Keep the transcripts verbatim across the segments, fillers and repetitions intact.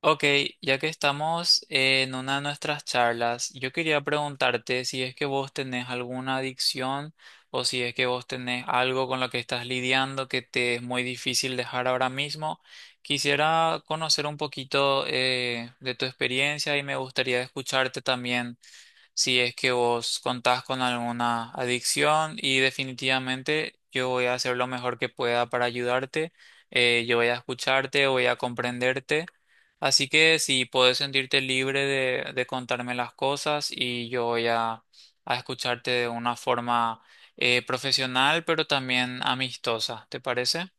Ok, ya que estamos en una de nuestras charlas, yo quería preguntarte si es que vos tenés alguna adicción o si es que vos tenés algo con lo que estás lidiando que te es muy difícil dejar ahora mismo. Quisiera conocer un poquito eh, de tu experiencia y me gustaría escucharte también si es que vos contás con alguna adicción y definitivamente yo voy a hacer lo mejor que pueda para ayudarte. Eh, yo voy a escucharte, voy a comprenderte, así que si puedes sentirte libre de, de contarme las cosas y yo voy a, a escucharte de una forma eh, profesional, pero también amistosa, ¿te parece?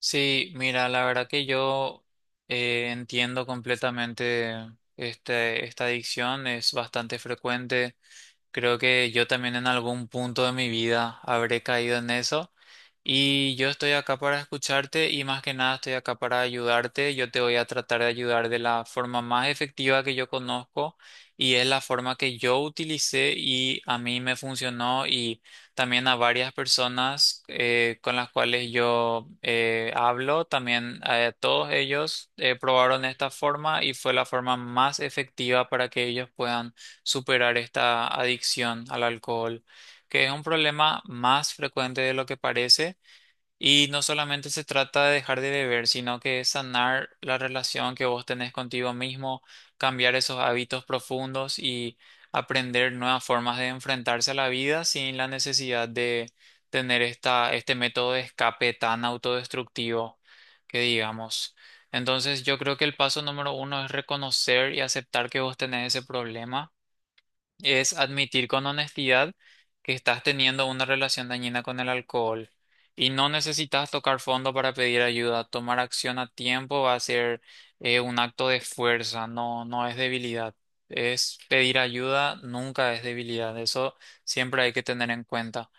Sí, mira, la verdad que yo eh, entiendo completamente este, esta adicción, es bastante frecuente. Creo que yo también en algún punto de mi vida habré caído en eso y yo estoy acá para escucharte y más que nada estoy acá para ayudarte. Yo te voy a tratar de ayudar de la forma más efectiva que yo conozco, y es la forma que yo utilicé y a mí me funcionó, y también a varias personas eh, con las cuales yo eh, hablo, también a todos ellos eh, probaron esta forma y fue la forma más efectiva para que ellos puedan superar esta adicción al alcohol, que es un problema más frecuente de lo que parece. Y no solamente se trata de dejar de beber, sino que es sanar la relación que vos tenés contigo mismo, cambiar esos hábitos profundos y aprender nuevas formas de enfrentarse a la vida sin la necesidad de tener esta, este método de escape tan autodestructivo, que digamos. Entonces yo creo que el paso número uno es reconocer y aceptar que vos tenés ese problema, es admitir con honestidad que estás teniendo una relación dañina con el alcohol y no necesitas tocar fondo para pedir ayuda. Tomar acción a tiempo va a ser eh, un acto de fuerza, no, no es debilidad. Es pedir ayuda, nunca es debilidad. Eso siempre hay que tener en cuenta.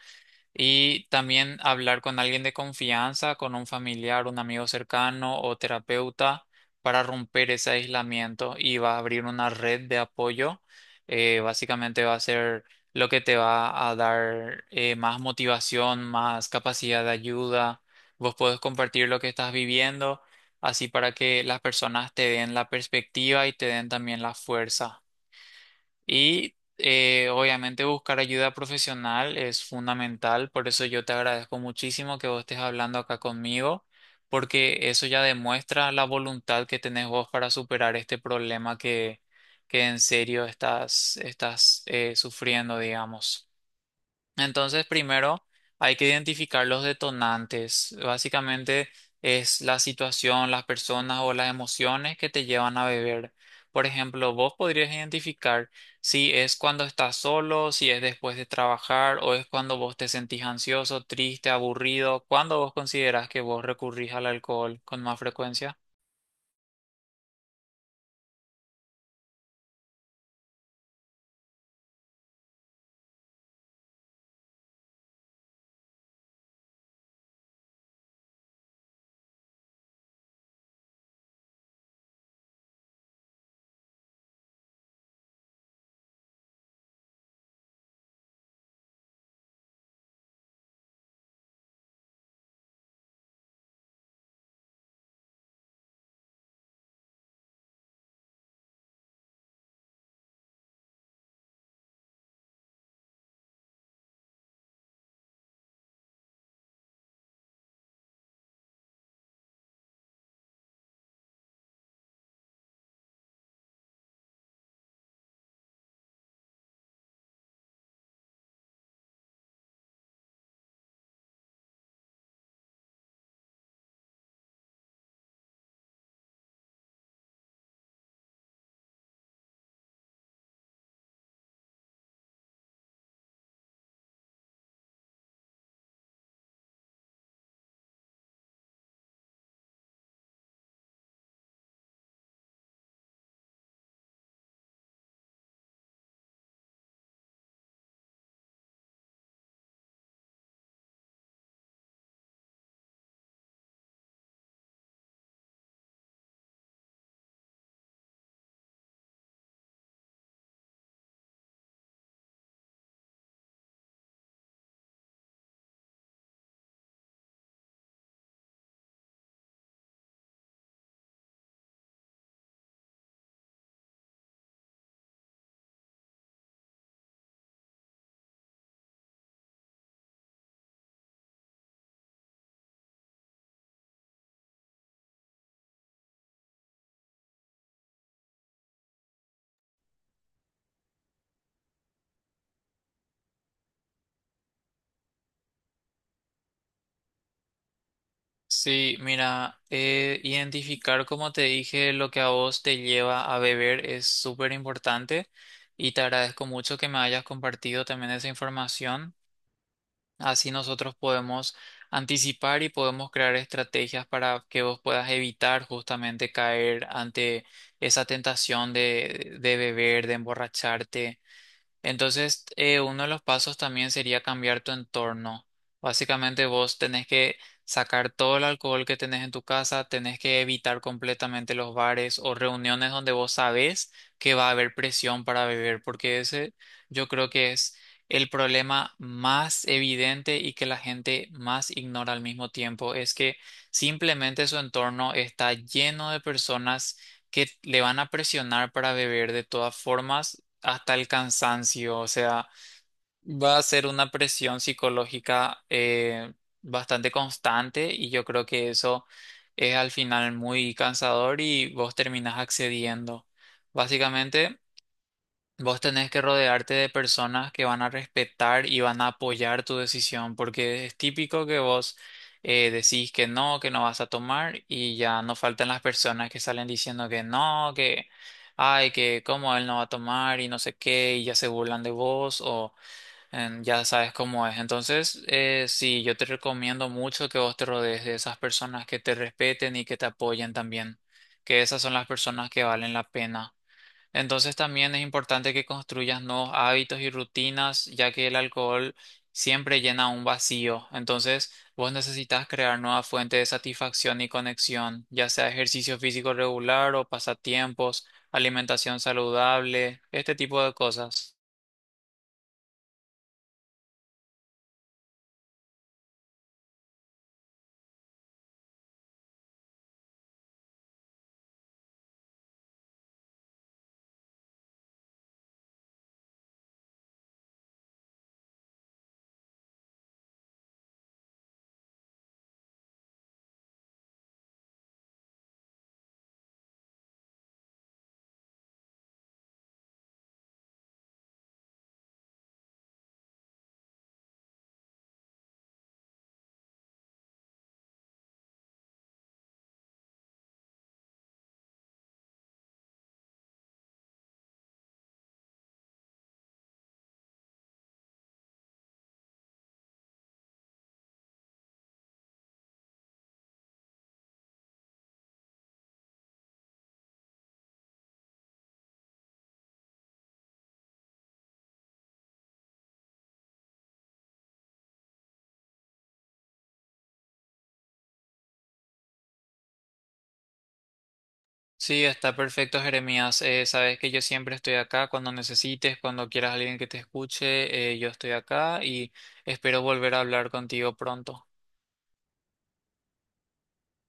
Y también hablar con alguien de confianza, con un familiar, un amigo cercano o terapeuta, para romper ese aislamiento y va a abrir una red de apoyo. Eh, básicamente va a ser lo que te va a dar eh, más motivación, más capacidad de ayuda. Vos podés compartir lo que estás viviendo, así para que las personas te den la perspectiva y te den también la fuerza. Y eh, obviamente buscar ayuda profesional es fundamental, por eso yo te agradezco muchísimo que vos estés hablando acá conmigo, porque eso ya demuestra la voluntad que tenés vos para superar este problema, que, que en serio estás, estás eh, sufriendo, digamos. Entonces, primero hay que identificar los detonantes. Básicamente es la situación, las personas o las emociones que te llevan a beber. Por ejemplo, vos podrías identificar si es cuando estás solo, si es después de trabajar o es cuando vos te sentís ansioso, triste, aburrido, cuando vos considerás que vos recurrís al alcohol con más frecuencia. Sí, mira, eh, identificar, como te dije, lo que a vos te lleva a beber es súper importante, y te agradezco mucho que me hayas compartido también esa información. Así nosotros podemos anticipar y podemos crear estrategias para que vos puedas evitar justamente caer ante esa tentación de, de beber, de emborracharte. Entonces, eh, uno de los pasos también sería cambiar tu entorno. Básicamente vos tenés que sacar todo el alcohol que tenés en tu casa, tenés que evitar completamente los bares o reuniones donde vos sabés que va a haber presión para beber, porque ese yo creo que es el problema más evidente y que la gente más ignora al mismo tiempo, es que simplemente su entorno está lleno de personas que le van a presionar para beber de todas formas hasta el cansancio, o sea, va a ser una presión psicológica eh, bastante constante, y yo creo que eso es al final muy cansador y vos terminás accediendo. Básicamente, vos tenés que rodearte de personas que van a respetar y van a apoyar tu decisión, porque es típico que vos eh, decís que no, que no vas a tomar, y ya no faltan las personas que salen diciendo que no, que, ay, que cómo él no va a tomar y no sé qué, y ya se burlan de vos o em, ya sabes cómo es. Entonces, eh, sí, yo te recomiendo mucho que vos te rodees de esas personas que te respeten y que te apoyen también, que esas son las personas que valen la pena. Entonces también es importante que construyas nuevos hábitos y rutinas, ya que el alcohol siempre llena un vacío. Entonces vos necesitas crear nueva fuente de satisfacción y conexión, ya sea ejercicio físico regular o pasatiempos, alimentación saludable, este tipo de cosas. Sí, está perfecto, Jeremías. Eh, sabes que yo siempre estoy acá cuando necesites, cuando quieras alguien que te escuche. Eh, yo estoy acá y espero volver a hablar contigo pronto.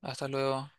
Hasta luego.